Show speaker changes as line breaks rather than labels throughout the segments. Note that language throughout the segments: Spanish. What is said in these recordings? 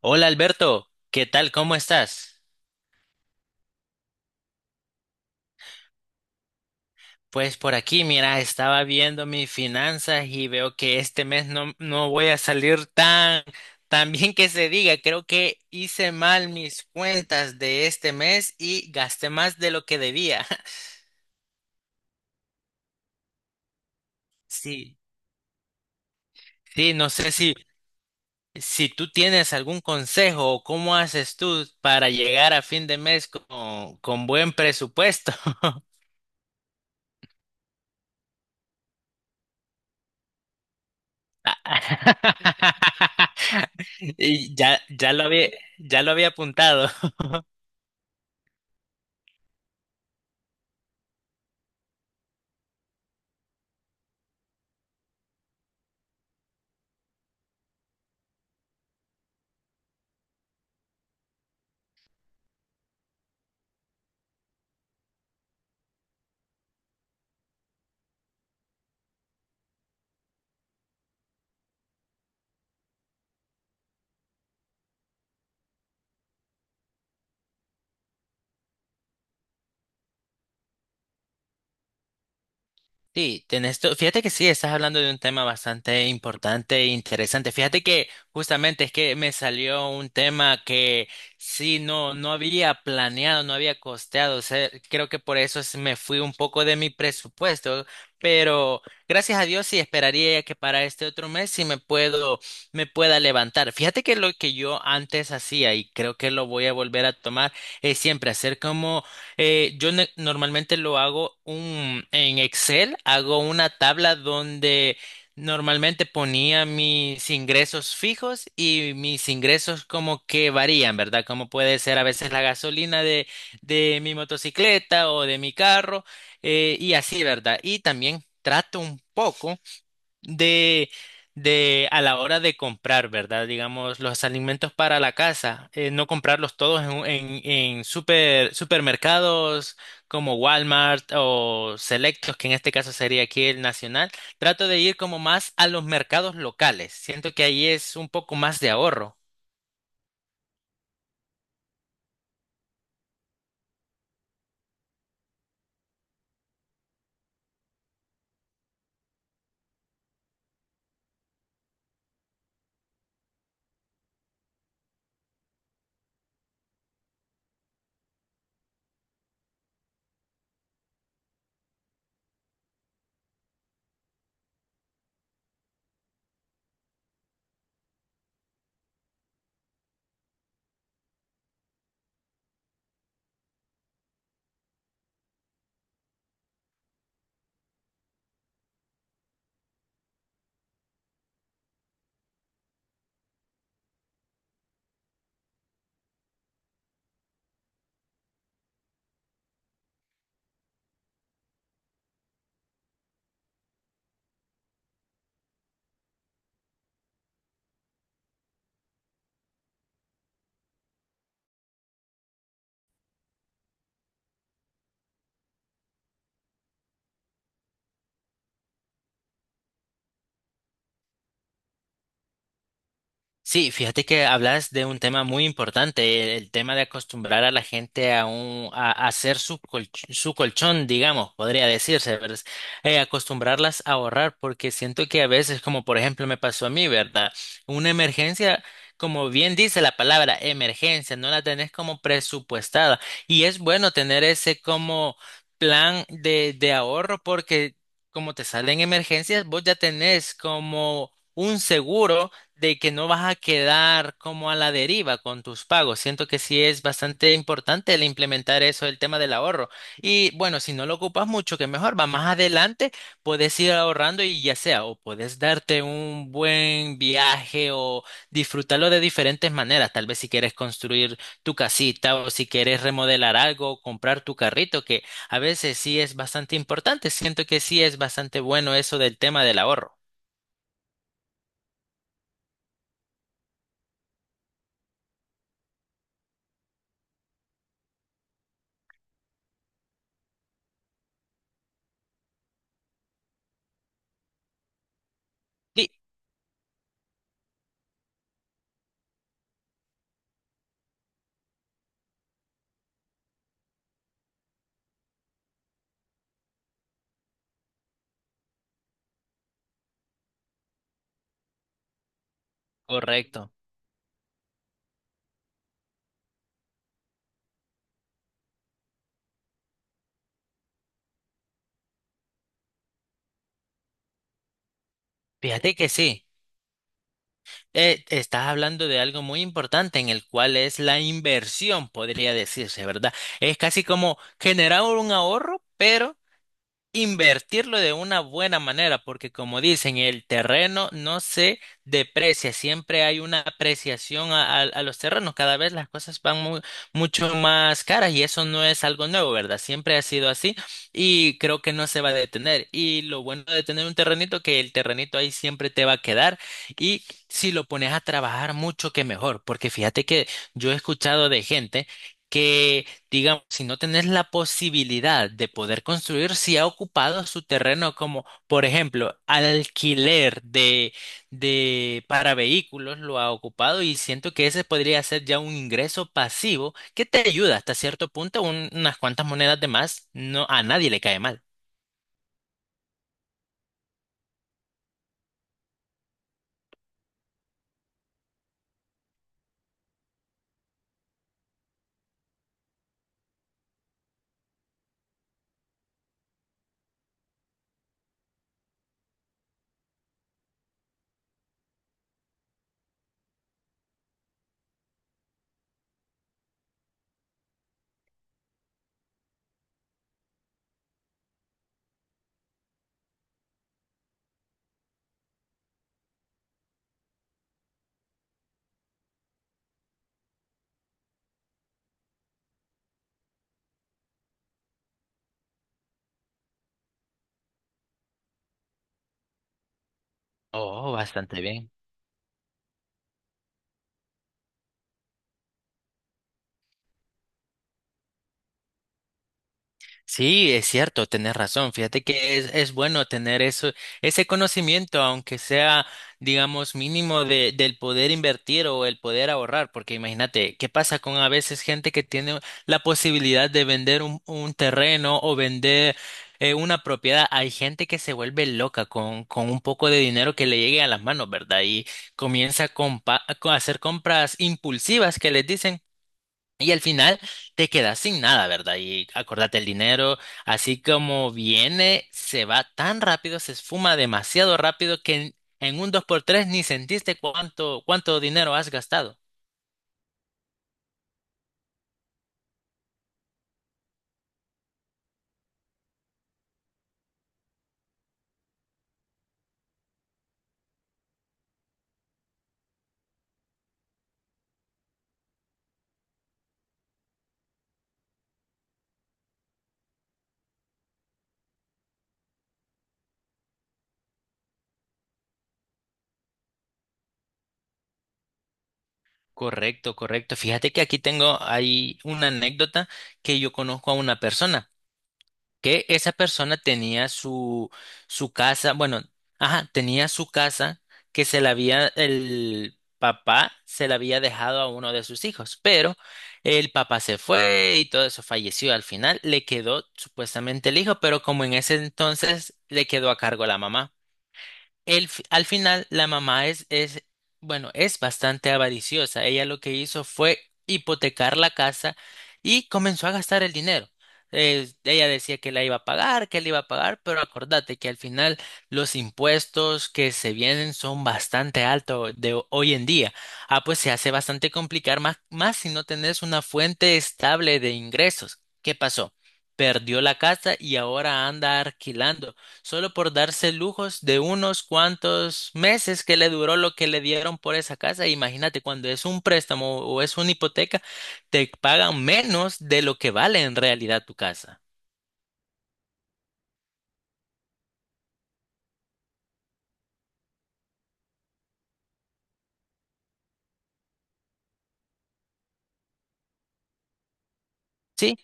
Hola Alberto, ¿qué tal? ¿Cómo estás? Pues por aquí, mira, estaba viendo mis finanzas y veo que este mes no voy a salir tan bien que se diga. Creo que hice mal mis cuentas de este mes y gasté más de lo que debía. Sí, sí, no sé si tú tienes algún consejo o cómo haces tú para llegar a fin de mes con buen presupuesto. Y ya lo había apuntado. Sí, fíjate que sí, estás hablando de un tema bastante importante e interesante. Fíjate que justamente es que me salió un tema que sí, no había planeado, no había costeado. O sea, creo que me fui un poco de mi presupuesto, pero gracias a Dios sí esperaría que para este otro mes me pueda levantar. Fíjate que lo que yo antes hacía y creo que lo voy a volver a tomar es siempre hacer como normalmente en Excel, hago una tabla donde normalmente ponía mis ingresos fijos y mis ingresos como que varían, ¿verdad? Como puede ser a veces la gasolina de mi motocicleta o de mi carro, y así, ¿verdad? Y también trato un poco de, de a la hora de comprar, ¿verdad? Digamos, los alimentos para la casa, no comprarlos todos en supermercados como Walmart o Selectos, que en este caso sería aquí el Nacional. Trato de ir como más a los mercados locales. Siento que ahí es un poco más de ahorro. Sí, fíjate que hablas de un tema muy importante, el tema de acostumbrar a la gente a hacer su colchón, digamos, podría decirse, ¿verdad? Acostumbrarlas a ahorrar, porque siento que a veces, como por ejemplo me pasó a mí, ¿verdad? Una emergencia, como bien dice la palabra emergencia, no la tenés como presupuestada. Y es bueno tener ese como plan de ahorro porque como te salen emergencias, vos ya tenés como un seguro de que no vas a quedar como a la deriva con tus pagos. Siento que sí es bastante importante el implementar eso, el tema del ahorro. Y bueno, si no lo ocupas mucho, que mejor, va más adelante, puedes ir ahorrando y ya sea, o puedes darte un buen viaje o disfrutarlo de diferentes maneras. Tal vez si quieres construir tu casita o si quieres remodelar algo, comprar tu carrito, que a veces sí es bastante importante. Siento que sí es bastante bueno eso del tema del ahorro. Sí, correcto. Fíjate que sí. Estás hablando de algo muy importante en el cual es la inversión, podría decirse, ¿verdad? Es casi como generar un ahorro, pero invertirlo de una buena manera, porque como dicen, el terreno no se deprecia, siempre hay una apreciación a los terrenos, cada vez las cosas van mucho más caras y eso no es algo nuevo, ¿verdad? Siempre ha sido así y creo que no se va a detener. Y lo bueno de tener un terrenito, que el terrenito ahí siempre te va a quedar y si lo pones a trabajar mucho, que mejor, porque fíjate que yo he escuchado de gente que digamos, si no tenés la posibilidad de poder construir, si ha ocupado su terreno como, por ejemplo, alquiler de para vehículos, lo ha ocupado y siento que ese podría ser ya un ingreso pasivo que te ayuda hasta cierto punto, unas cuantas monedas de más, no, a nadie le cae mal. Oh, bastante bien. Sí, es cierto, tenés razón. Fíjate que es bueno tener eso, ese conocimiento, aunque sea, digamos, mínimo del poder invertir o el poder ahorrar, porque imagínate, ¿qué pasa con a veces gente que tiene la posibilidad de vender un terreno o vender una propiedad? Hay gente que se vuelve loca con un poco de dinero que le llegue a las manos, ¿verdad? Y comienza a hacer compras impulsivas que les dicen. Y al final te quedas sin nada, ¿verdad? Y acordate, el dinero, así como viene, se va tan rápido, se esfuma demasiado rápido que en un dos por tres ni sentiste cuánto, cuánto dinero has gastado. Correcto, correcto. Fíjate que aquí tengo ahí una anécdota que yo conozco a una persona. Que esa persona tenía su casa, bueno, ajá, tenía su casa que el papá se la había dejado a uno de sus hijos, pero el papá se fue y todo eso falleció. Al final le quedó supuestamente el hijo, pero como en ese entonces le quedó a cargo la mamá. Al final, la mamá bueno, es bastante avariciosa. Ella lo que hizo fue hipotecar la casa y comenzó a gastar el dinero. Ella decía que la iba a pagar, que la iba a pagar, pero acordate que al final los impuestos que se vienen son bastante altos de hoy en día. Ah, pues se hace bastante complicar más, más si no tenés una fuente estable de ingresos. ¿Qué pasó? Perdió la casa y ahora anda alquilando. Solo por darse lujos de unos cuantos meses que le duró lo que le dieron por esa casa. Imagínate, cuando es un préstamo o es una hipoteca, te pagan menos de lo que vale en realidad tu casa. Sí,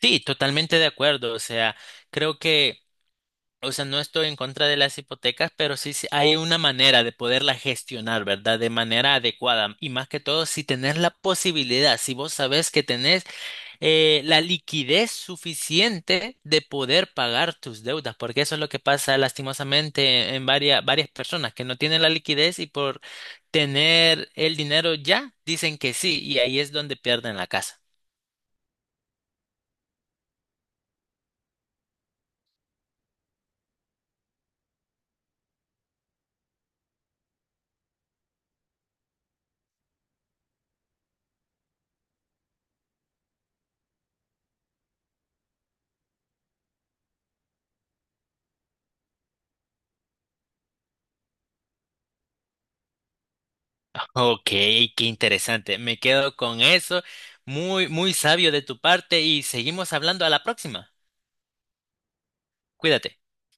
sí, totalmente de acuerdo. O sea, creo que, o sea, no estoy en contra de las hipotecas, pero sí, sí hay una manera de poderla gestionar, ¿verdad? De manera adecuada. Y más que todo, si tenés la posibilidad, si vos sabés que tenés la liquidez suficiente de poder pagar tus deudas, porque eso es lo que pasa lastimosamente en varias, varias personas que no tienen la liquidez y por tener el dinero ya dicen que sí y ahí es donde pierden la casa. Ok, qué interesante. Me quedo con eso. Muy, muy sabio de tu parte y seguimos hablando a la próxima. Cuídate.